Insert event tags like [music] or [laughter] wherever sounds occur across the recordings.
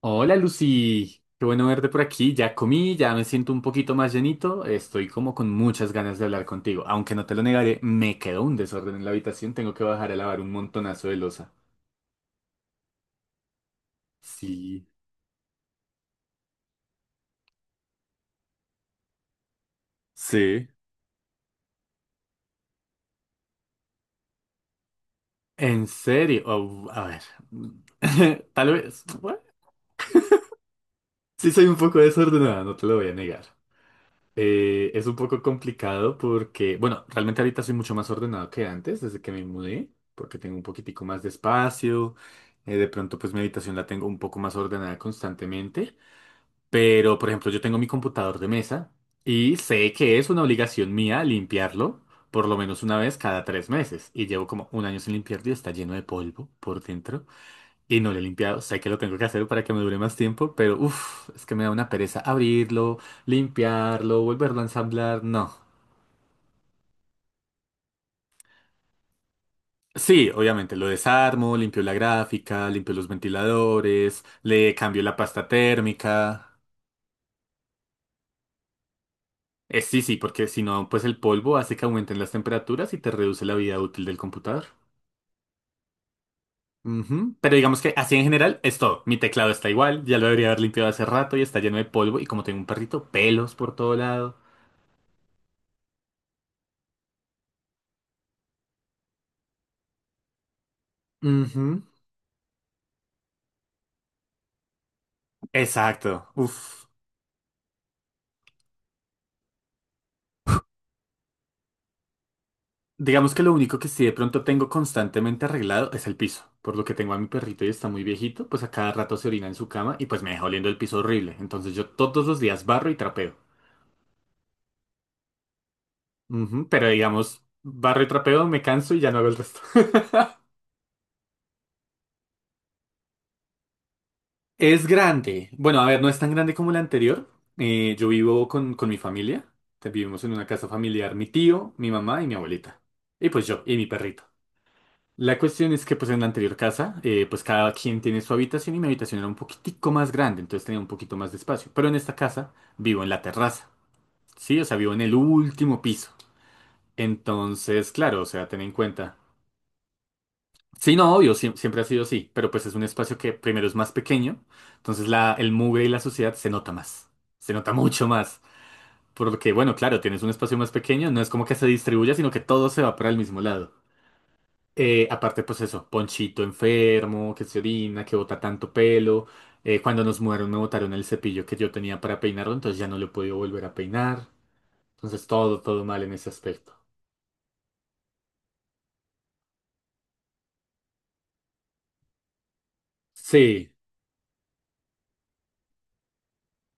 Hola Lucy, qué bueno verte por aquí. Ya comí, ya me siento un poquito más llenito. Estoy como con muchas ganas de hablar contigo. Aunque no te lo negaré, me quedó un desorden en la habitación. Tengo que bajar a lavar un montonazo de loza. Sí. Sí. ¿En serio? Oh, a ver. [laughs] Tal vez. Bueno, sí, soy un poco desordenada, no te lo voy a negar. Es un poco complicado porque, bueno, realmente ahorita soy mucho más ordenado que antes, desde que me mudé, porque tengo un poquitico más de espacio. De pronto, pues mi habitación la tengo un poco más ordenada constantemente. Pero, por ejemplo, yo tengo mi computador de mesa y sé que es una obligación mía limpiarlo por lo menos una vez cada tres meses. Y llevo como un año sin limpiarlo y está lleno de polvo por dentro. Y no lo he limpiado, sé que lo tengo que hacer para que me dure más tiempo, pero uff, es que me da una pereza abrirlo, limpiarlo, volverlo a ensamblar, no. Sí, obviamente, lo desarmo, limpio la gráfica, limpio los ventiladores, le cambio la pasta térmica. Sí, sí, porque si no, pues el polvo hace que aumenten las temperaturas y te reduce la vida útil del computador. Ujú. Pero digamos que así en general es todo. Mi teclado está igual, ya lo debería haber limpiado hace rato y está lleno de polvo y como tengo un perrito, pelos por todo lado. Ujú. Exacto. Uf. Digamos que lo único que sí de pronto tengo constantemente arreglado es el piso. Por lo que tengo a mi perrito y está muy viejito, pues a cada rato se orina en su cama y pues me deja oliendo el piso horrible. Entonces yo todos los días barro y trapeo. Ujú. Pero digamos, barro y trapeo, me canso y ya no hago el resto. [laughs] Es grande. Bueno, a ver, no es tan grande como la anterior. Yo vivo con mi familia. Vivimos en una casa familiar, mi tío, mi mamá y mi abuelita. Y pues yo y mi perrito. La cuestión es que pues en la anterior casa, pues cada quien tiene su habitación y mi habitación era un poquitico más grande, entonces tenía un poquito más de espacio. Pero en esta casa vivo en la terraza, ¿sí? O sea, vivo en el último piso. Entonces, claro, o sea, ten en cuenta. Sí, no, obvio, siempre ha sido así, pero pues es un espacio que primero es más pequeño, entonces el mugre y la suciedad se nota más, se nota mucho más. Porque, bueno, claro, tienes un espacio más pequeño, no es como que se distribuya, sino que todo se va para el mismo lado. Aparte, pues eso, Ponchito enfermo, que se orina, que bota tanto pelo. Cuando nos mudaron me botaron el cepillo que yo tenía para peinarlo, entonces ya no lo he podido volver a peinar. Entonces todo mal en ese aspecto. Sí,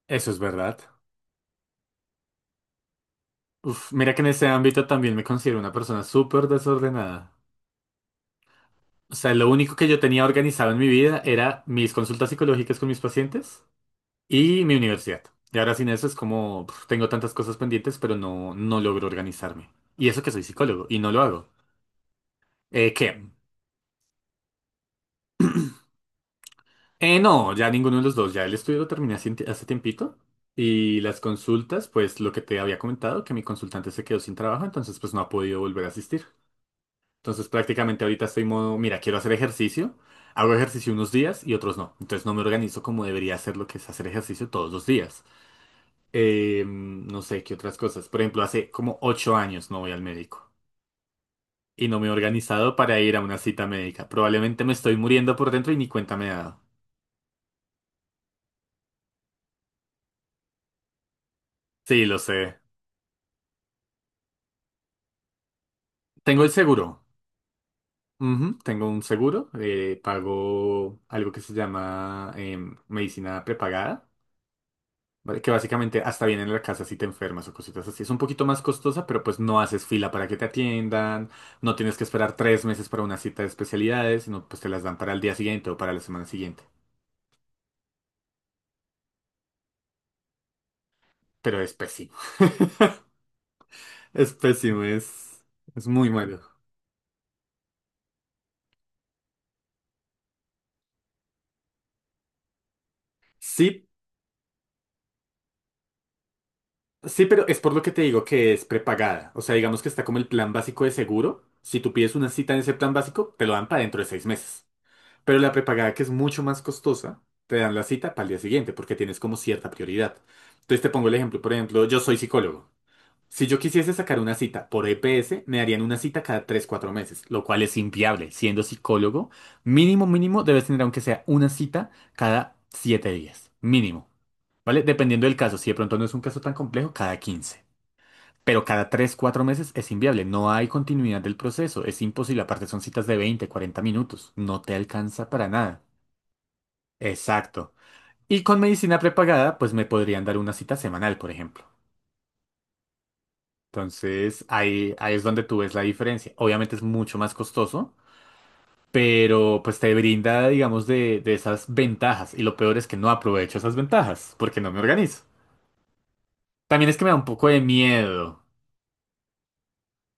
eso es verdad. Uf, mira que en ese ámbito también me considero una persona súper desordenada. O sea, lo único que yo tenía organizado en mi vida era mis consultas psicológicas con mis pacientes y mi universidad. Y ahora sin eso es como, pf, tengo tantas cosas pendientes, pero no logro organizarme. Y eso que soy psicólogo y no lo hago. ¿Qué? No, ya ninguno de los dos. Ya el estudio lo terminé hace tiempito. Y las consultas, pues lo que te había comentado, que mi consultante se quedó sin trabajo, entonces pues no ha podido volver a asistir. Entonces prácticamente ahorita estoy modo, mira, quiero hacer ejercicio. Hago ejercicio unos días y otros no. Entonces no me organizo como debería hacer lo que es hacer ejercicio todos los días. No sé qué otras cosas. Por ejemplo, hace como 8 años no voy al médico. Y no me he organizado para ir a una cita médica. Probablemente me estoy muriendo por dentro y ni cuenta me he dado. Sí, lo sé. Tengo el seguro. Ujú. Tengo un seguro. Pago algo que se llama medicina prepagada, ¿vale? Que básicamente hasta viene en la casa si te enfermas o cositas así. Es un poquito más costosa, pero pues no haces fila para que te atiendan. No tienes que esperar 3 meses para una cita de especialidades, sino pues te las dan para el día siguiente o para la semana siguiente. Pero es pésimo. [laughs] Es pésimo, es muy malo. Sí, sí, pero es por lo que te digo que es prepagada. O sea, digamos que está como el plan básico de seguro. Si tú pides una cita en ese plan básico, te lo dan para dentro de 6 meses. Pero la prepagada, que es mucho más costosa, te dan la cita para el día siguiente porque tienes como cierta prioridad. Entonces te pongo el ejemplo. Por ejemplo, yo soy psicólogo. Si yo quisiese sacar una cita por EPS, me darían una cita cada tres cuatro meses, lo cual es inviable. Siendo psicólogo, mínimo, mínimo, debes tener aunque sea una cita cada 7 días. Mínimo. ¿Vale? Dependiendo del caso. Si de pronto no es un caso tan complejo, cada 15, pero cada tres cuatro meses es inviable. No hay continuidad del proceso. Es imposible. Aparte son citas de 20 40 minutos. No te alcanza para nada. Exacto. Y con medicina prepagada, pues me podrían dar una cita semanal, por ejemplo. Entonces, ahí es donde tú ves la diferencia. Obviamente es mucho más costoso, pero pues te brinda, digamos, de esas ventajas. Y lo peor es que no aprovecho esas ventajas porque no me organizo. También es que me da un poco de miedo.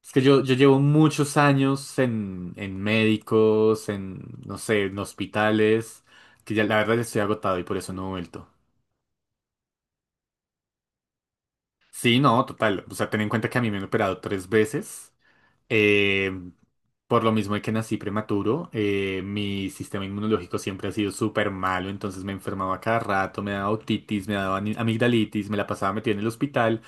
Es que yo llevo muchos años en médicos, en, no sé, en hospitales, que ya la verdad ya estoy agotado y por eso no he vuelto. Sí, no, total. O sea, ten en cuenta que a mí me han operado tres veces. Eh, por lo mismo de que nací prematuro, mi sistema inmunológico siempre ha sido súper malo, entonces me enfermaba cada rato, me daba otitis, me daba amigdalitis, me la pasaba metida en el hospital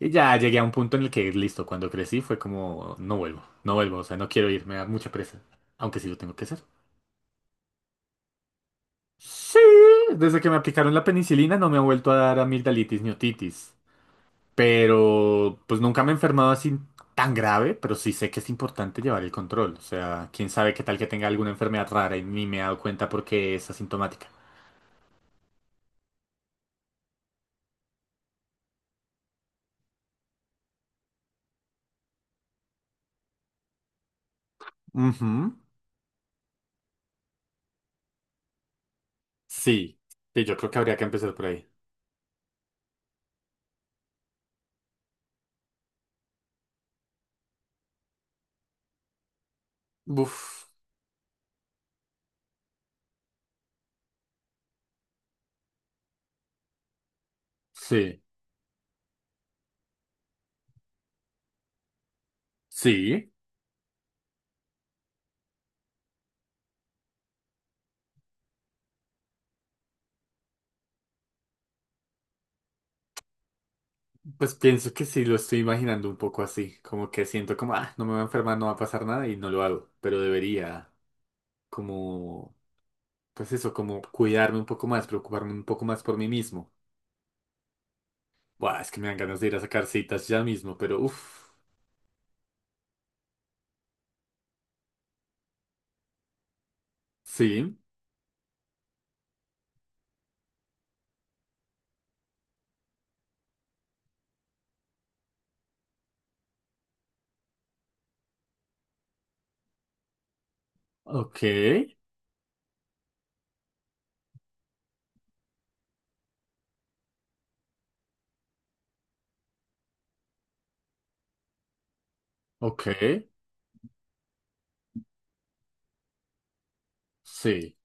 y ya llegué a un punto en el que, listo, cuando crecí fue como, no vuelvo, no vuelvo, o sea, no quiero ir, me da mucha presa, aunque sí lo tengo que hacer. Sí, desde que me aplicaron la penicilina no me ha vuelto a dar amigdalitis ni otitis. Pero pues nunca me he enfermado así tan grave, pero sí sé que es importante llevar el control. O sea, quién sabe qué tal que tenga alguna enfermedad rara y ni me he dado cuenta porque es asintomática. Ujú. Sí, sí, yo creo que habría que empezar por ahí. Uf, sí, sí. Pues pienso que sí, lo estoy imaginando un poco así, como que siento como, ah, no me va a enfermar, no va a pasar nada y no lo hago, pero debería como, pues eso, como cuidarme un poco más, preocuparme un poco más por mí mismo. Buah, es que me dan ganas de ir a sacar citas ya mismo, pero uff. Sí. Ok. Ok. Sí.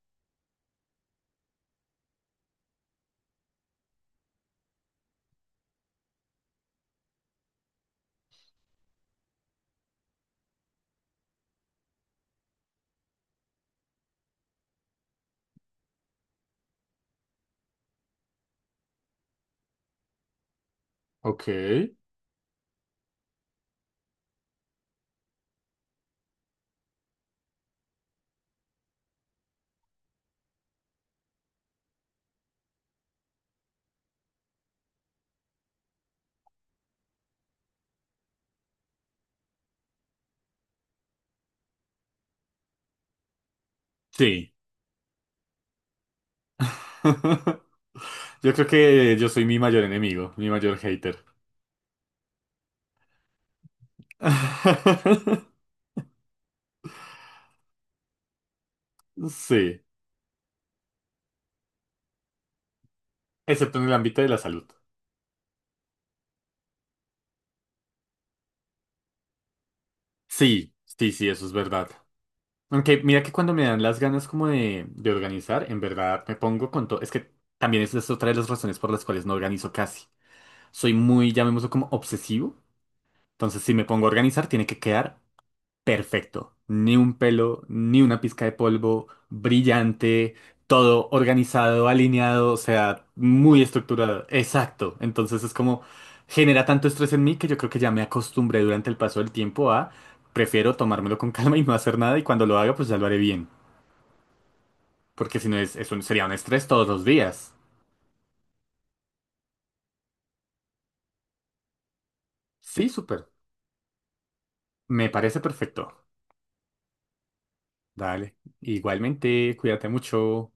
Ok. Sí. [laughs] Yo creo que yo soy mi mayor enemigo, mi mayor hater. [laughs] Sí. Excepto en el ámbito de la salud. Sí, sí, sí, eso es verdad. Aunque mira que cuando me dan las ganas como de organizar, en verdad me pongo con todo. Es que también esa es otra de las razones por las cuales no organizo casi. Soy muy, llamémoslo como obsesivo. Entonces, si me pongo a organizar, tiene que quedar perfecto. Ni un pelo, ni una pizca de polvo, brillante, todo organizado, alineado, o sea, muy estructurado. Exacto. Entonces es como genera tanto estrés en mí que yo creo que ya me acostumbré durante el paso del tiempo a prefiero tomármelo con [laughs] calma y no hacer nada y cuando lo haga pues ya lo haré bien. Porque si no es, eso sería un estrés todos los días. Sí, súper. Me parece perfecto. Dale. Igualmente, cuídate mucho.